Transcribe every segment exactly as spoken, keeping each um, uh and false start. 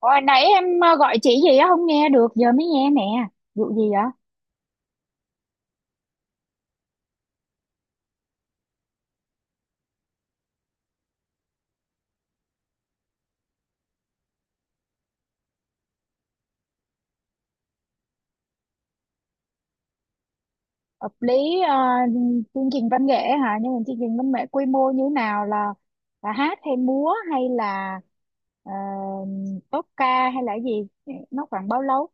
Hồi nãy em ờ, gọi chị gì á, không nghe được, giờ mới nghe nè. Vụ gì vậy? Hợp lý. ờ, Chương trình văn nghệ hả? Nhưng mà chương trình văn nghệ quy mô như thế nào, là là hát hay múa hay là ờ, tốp ca hay là cái gì? Nó khoảng bao lâu?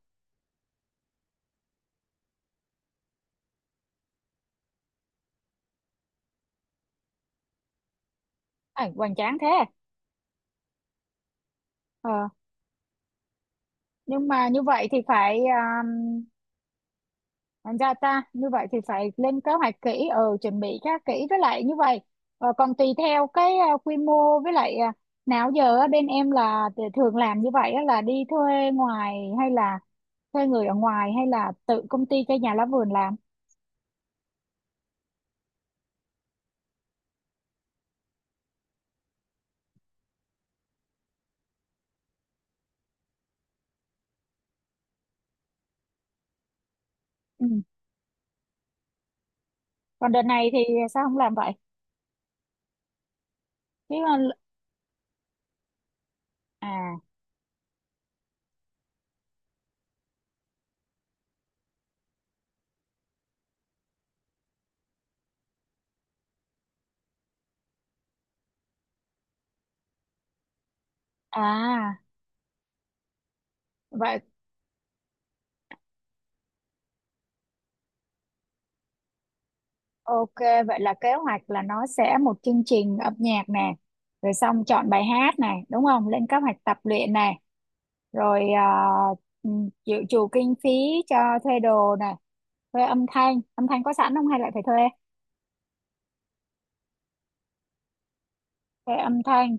À, hoành tráng thế. Ờ, nhưng mà như vậy thì phải ờ, thành ra ta như vậy thì phải lên kế hoạch kỹ, ừ, chuẩn bị khá kỹ, với lại như vậy ờ, còn tùy theo cái ờ, quy mô, với lại ờ, nào giờ á, bên em là t- thường làm như vậy á, là đi thuê ngoài hay là thuê người ở ngoài hay là tự công ty cho nhà lá vườn làm. Ừ, còn đợt này thì sao không làm vậy chứ? ờ, à à Vậy, ok, vậy là kế hoạch là nó sẽ một chương trình âm nhạc nè, rồi xong chọn bài hát này đúng không, lên kế hoạch tập luyện này, rồi à, ừ, chịu chủ kinh phí cho thuê đồ này, thuê âm thanh. Âm thanh có sẵn không hay lại phải thuê thuê âm thanh,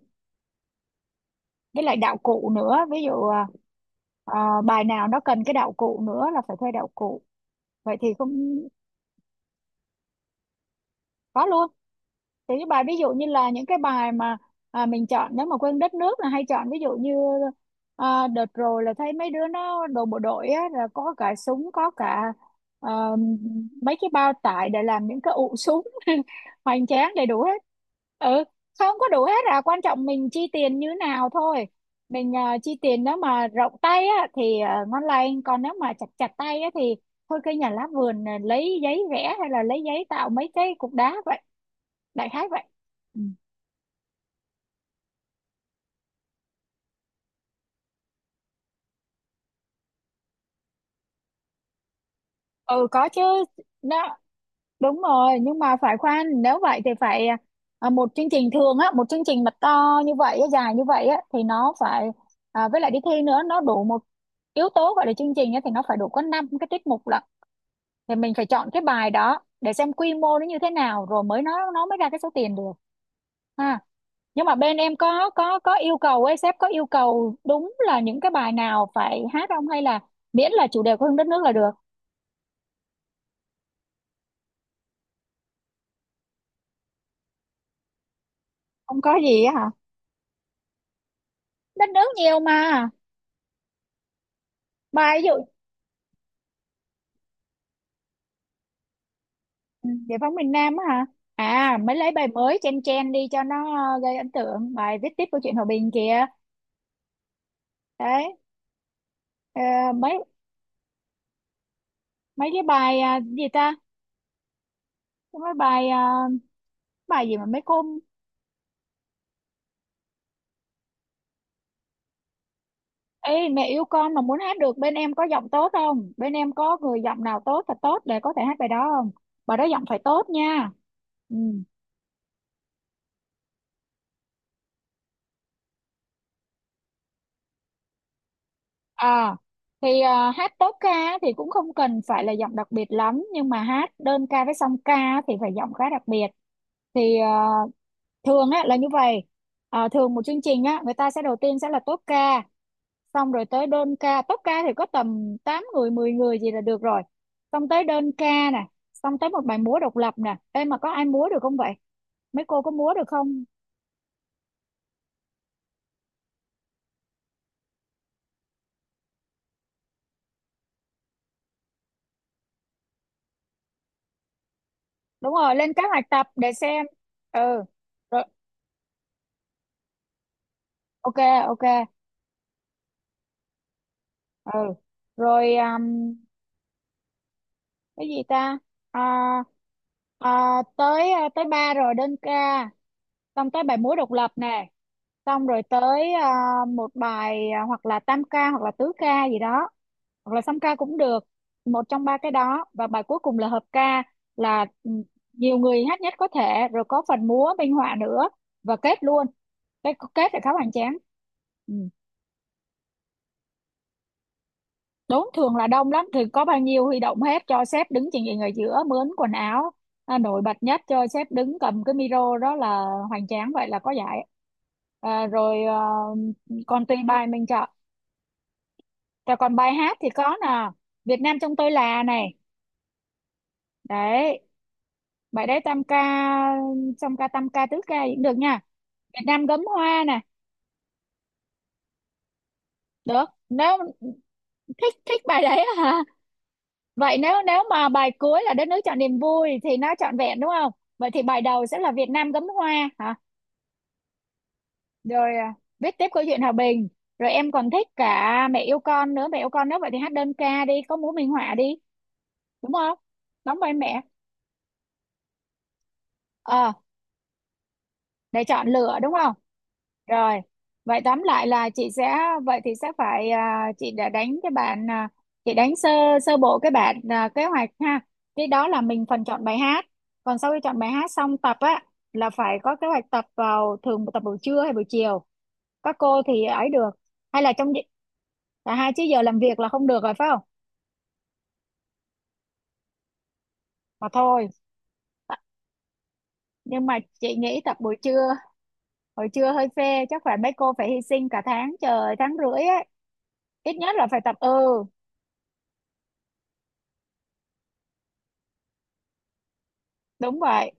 với lại đạo cụ nữa, ví dụ à, à, bài nào nó cần cái đạo cụ nữa là phải thuê đạo cụ, vậy thì cũng có luôn. Thì cái bài ví dụ như là những cái bài mà à, mình chọn, nếu mà quên đất nước là hay chọn ví dụ như à, đợt rồi là thấy mấy đứa nó đồ bộ đội á, là có cả súng, có cả à, mấy cái bao tải để làm những cái ụ súng hoành tráng đầy đủ hết. Ừ, không có đủ hết à, quan trọng mình chi tiền như nào thôi. Mình à, chi tiền nếu mà rộng tay á thì à, ngon lành, còn nếu mà chặt chặt tay á thì thôi cây nhà lá vườn là lấy giấy vẽ hay là lấy giấy tạo mấy cái cục đá vậy, đại khái vậy. ừ, ừ, có chứ, đó đúng rồi. Nhưng mà phải khoan, nếu vậy thì phải à, một chương trình thường á, một chương trình mà to như vậy á, dài như vậy á thì nó phải à, với lại đi thi nữa, nó đủ một yếu tố gọi là chương trình á thì nó phải đủ có năm cái tiết mục lận. Thì mình phải chọn cái bài đó để xem quy mô nó như thế nào, rồi mới nó nó mới ra cái số tiền được. Ha, nhưng mà bên em có có có yêu cầu ấy, sếp có yêu cầu đúng là những cái bài nào phải hát không, hay là miễn là chủ đề của đất nước là được? Không có gì á hả? Đất nước nhiều mà, bài ví dụ ừ, giải phóng miền Nam á hả? À, mới lấy bài mới, chen chen đi cho nó ờ, gây ấn tượng, bài viết tiếp câu chuyện hòa bình kìa. Đấy. ờ, mấy mấy cái bài ờ, gì ta, mấy bài ờ, bài gì mà mấy cô. Ê, mẹ yêu con mà muốn hát được bên em có giọng tốt không? Bên em có người giọng nào tốt thật tốt để có thể hát bài đó không? Bài đó giọng phải tốt nha. Ừ. À, thì à, hát tốt ca thì cũng không cần phải là giọng đặc biệt lắm, nhưng mà hát đơn ca với song ca thì phải giọng khá đặc biệt. Thì à, thường á là như vậy. À, thường một chương trình á, người ta sẽ đầu tiên sẽ là tốt ca, xong rồi tới đơn ca. Tốp ca thì có tầm tám người mười người gì là được rồi, xong tới đơn ca nè, xong tới một bài múa độc lập nè. Em mà có ai múa được không vậy, mấy cô có múa được không? Đúng rồi, lên kế hoạch tập để xem. Ừ, rồi, ok, ok, ừ rồi. Um, cái gì ta, à, à, tới à, tới ba rồi đơn ca, xong tới bài múa độc lập nè, xong rồi tới à, một bài à, hoặc là tam ca hoặc là tứ ca gì đó, hoặc là song ca cũng được. Một trong ba cái đó, và bài cuối cùng là hợp ca, là ừ, nhiều người hát nhất có thể, rồi có phần múa minh họa nữa và kết luôn. Cái kết là khá hoành tráng. Ừ. Đốn thường là đông lắm thì có bao nhiêu huy động hết, cho sếp đứng trình diện ở giữa, mướn quần áo à, nổi bật nhất, cho sếp đứng cầm cái micro đó là hoành tráng vậy là có giải. À, rồi ờ, còn tùy bài mình chọn, rồi còn bài hát thì có nè. Việt Nam trong tôi là này. Đấy, bài đấy tam ca, song ca tam ca tứ ca cũng được nha. Việt Nam gấm hoa nè, được. Nếu thích thích bài đấy hả? Vậy nếu nếu mà bài cuối là đất nước chọn niềm vui thì nó trọn vẹn đúng không? Vậy thì bài đầu sẽ là Việt Nam gấm hoa hả? Rồi à, viết tiếp câu chuyện hòa bình. Rồi em còn thích cả mẹ yêu con nữa, mẹ yêu con nữa vậy thì hát đơn ca đi, có múa minh họa đi, đúng không, đóng vai mẹ. ờ để chọn lựa đúng không? Rồi, vậy tóm lại là chị sẽ, vậy thì sẽ phải à, chị đã đánh cái bản à, chị đánh sơ sơ bộ cái bản à, kế hoạch ha. Cái đó là mình phần chọn bài hát. Còn sau khi chọn bài hát xong, tập á là phải có kế hoạch tập vào, thường tập buổi trưa hay buổi chiều. Các cô thì ấy được, hay là trong cả hai? Chứ giờ làm việc là không được rồi phải không? Mà thôi. Nhưng mà chị nghĩ tập buổi trưa, buổi trưa hơi phê, chắc phải mấy cô phải hy sinh cả tháng trời, tháng rưỡi ấy. Ít nhất là phải tập, ừ, đúng vậy.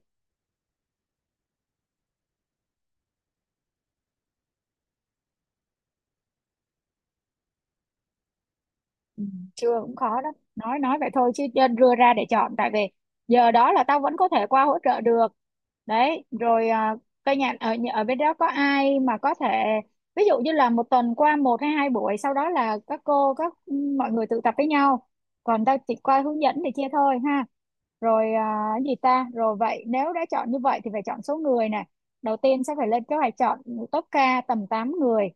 Ừ, chưa cũng khó đó, nói nói vậy thôi chứ nên đưa ra để chọn, tại vì giờ đó là tao vẫn có thể qua hỗ trợ được. Đấy, rồi à, cây nhà ở nhà- ở bên đó có ai mà có thể ví dụ như là một tuần qua một hay hai buổi, sau đó là các cô các ừ, mọi người tự tập với nhau, còn tao chỉ qua hướng dẫn thì chia thôi ha. Rồi à, cái gì ta. Rồi vậy nếu đã chọn như vậy thì phải chọn số người nè, đầu tiên sẽ phải lên kế hoạch chọn top ca tầm tám người.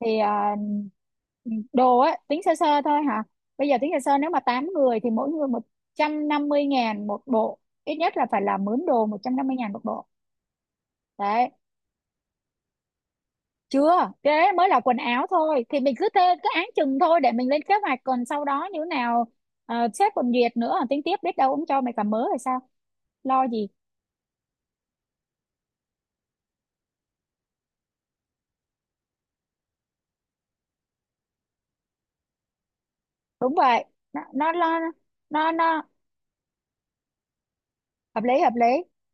Thì à, đồ á tính sơ sơ thôi hả, bây giờ tính sơ sơ nếu mà tám người thì mỗi người một trăm năm mươi ngàn một bộ, ít nhất là phải là mướn đồ một trăm năm mươi ngàn một bộ. Đấy, chưa, cái đấy mới là quần áo thôi thì mình cứ thế cứ án chừng thôi để mình lên kế hoạch, còn sau đó như thế nào. Uh, sếp còn duyệt nữa, tính tiếp biết đâu ông cho mày cả mớ hay sao, lo gì. Đúng vậy, nó nó lo, nó nó hợp lý, hợp lý.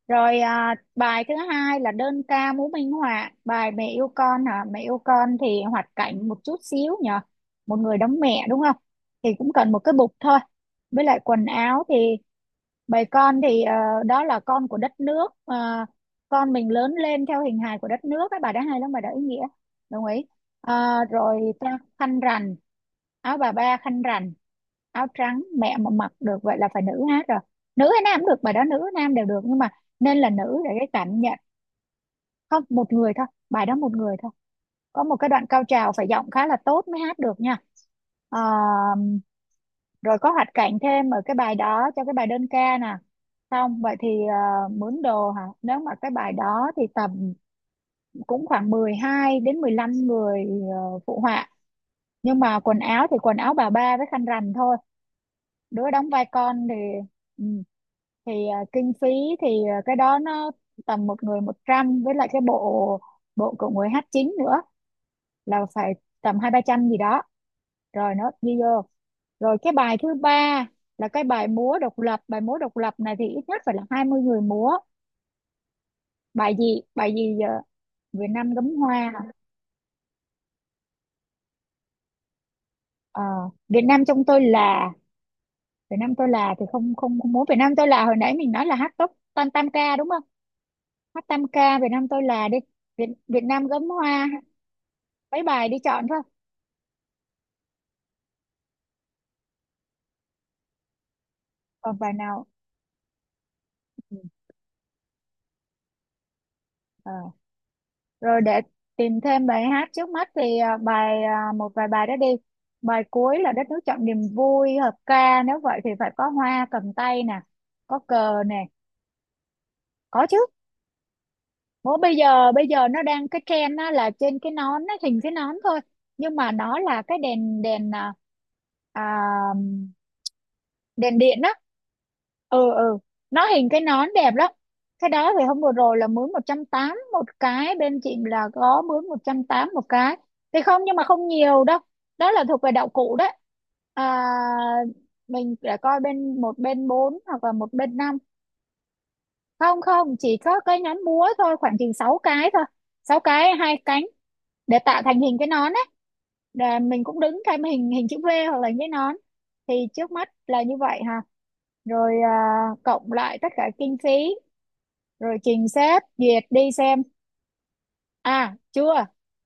Rồi à, bài thứ hai là đơn ca múa minh họa bài mẹ yêu con hả, mẹ yêu con thì hoạt cảnh một chút xíu nhờ, một người đóng mẹ đúng không, thì cũng cần một cái bục thôi, với lại quần áo thì. Bầy con thì ờ, đó là con của đất nước. Ờ, con mình lớn lên theo hình hài của đất nước, các bà đã hay lắm, bà đã ý nghĩa. Đồng ý. Ờ, Rồi ta khăn rằn, áo bà ba khăn rằn áo trắng, mẹ mà mặc được vậy là phải nữ hết rồi. Nữ hay nam cũng được, bài đó nữ nam đều được, nhưng mà nên là nữ để cái cảm nhận. Không, một người thôi, bài đó một người thôi, có một cái đoạn cao trào phải giọng khá là tốt mới hát được nha. Ờ, Rồi có hoạt cảnh thêm ở cái bài đó, cho cái bài đơn ca nè. Xong vậy thì ờ, mướn đồ hả, nếu mà cái bài đó thì tầm cũng khoảng mười hai đến mười lăm người ờ, phụ họa, nhưng mà quần áo thì quần áo bà ba với khăn rằn thôi. Đứa đóng vai con thì ừ, thì ờ, kinh phí thì ờ, cái đó nó tầm một người một trăm, với lại cái bộ bộ của người hát chính nữa là phải tầm hai ba trăm gì đó, rồi nó đi vô. Rồi cái bài thứ ba là cái bài múa độc lập, bài múa độc lập này thì ít nhất phải là hai mươi người múa. Bài gì bài gì giờ? Việt Nam gấm hoa. Ờ, Việt Nam trong tôi là. Việt Nam tôi là thì không, không, không múa Việt Nam tôi là, hồi nãy mình nói là hát tốt tam tam ca đúng không, hát tam ca Việt Nam tôi là đi, Việt Việt Nam gấm hoa, mấy bài đi chọn thôi, còn bài nào. Ừ. Ờ, Rồi để tìm thêm bài hát, trước mắt thì à, bài à, một vài bài đó đi. Bài cuối là đất nước trọn niềm vui hợp ca, nếu vậy thì phải có hoa cầm tay nè, có cờ nè. Có chứ, bố bây giờ bây giờ nó đang cái trend á, là trên cái nón, nó hình cái nón thôi, nhưng mà nó là cái đèn đèn à, à, đèn điện á. Ừ ừ, nó hình cái nón đẹp lắm, cái đó thì hôm vừa rồi là mướn một trăm tám một cái, bên chị là có mướn một trăm tám một cái, thì không, nhưng mà không nhiều đâu, đó là thuộc về đạo cụ đấy. à, mình sẽ coi bên một bên bốn hoặc là một bên năm. Không không, chỉ có cái nón búa thôi, khoảng chừng sáu cái thôi, sáu cái hai cánh để tạo thành hình cái nón ấy, để mình cũng đứng thêm hình hình chữ V hoặc là cái nón. Thì trước mắt là như vậy hả? Rồi à, cộng lại tất cả kinh phí, rồi trình sếp duyệt đi xem. À, chưa,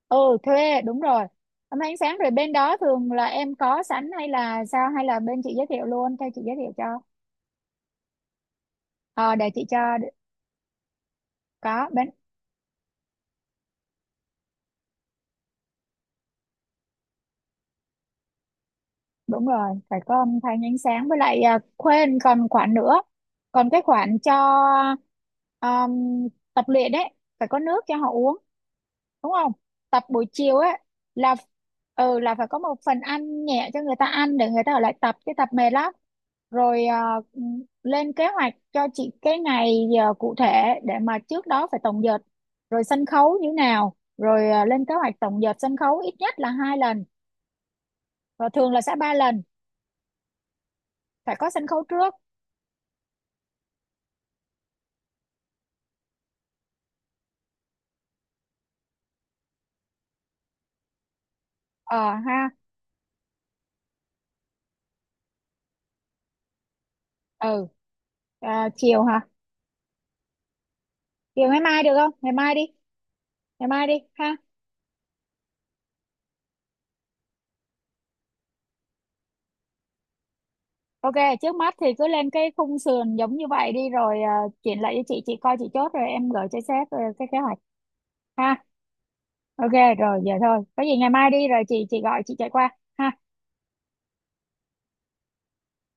ừ, thuê đúng rồi. Hôm ánh sáng rồi, bên đó thường là em có sẵn hay là sao, hay là bên chị giới thiệu luôn cho, chị giới thiệu cho. ờ để chị cho, có bên. Đúng rồi, phải có âm thanh ánh sáng với lại, à, quên còn khoản nữa, còn cái khoản cho um, tập luyện đấy, phải có nước cho họ uống đúng không, tập buổi chiều á là ừ, là phải có một phần ăn nhẹ cho người ta ăn để người ta ở lại tập, cái tập mệt lắm. Rồi ờ, lên kế hoạch cho chị cái ngày giờ cụ thể, để mà trước đó phải tổng dợt, rồi sân khấu như nào, rồi ờ, lên kế hoạch tổng dợt sân khấu ít nhất là hai lần và thường là sẽ ba lần, phải có sân khấu trước. ờ Ha, ừ. Ờ, chiều hả, chiều ngày mai được không, ngày mai đi, ngày mai đi ha. Ok, trước mắt thì cứ lên cái khung sườn giống như vậy đi, rồi à, chuyển lại cho chị, chị coi chị chốt rồi em gửi cho sếp ờ, cái kế hoạch ha. Ok, rồi vậy thôi, có gì ngày mai đi rồi chị chị gọi chị chạy qua. Ha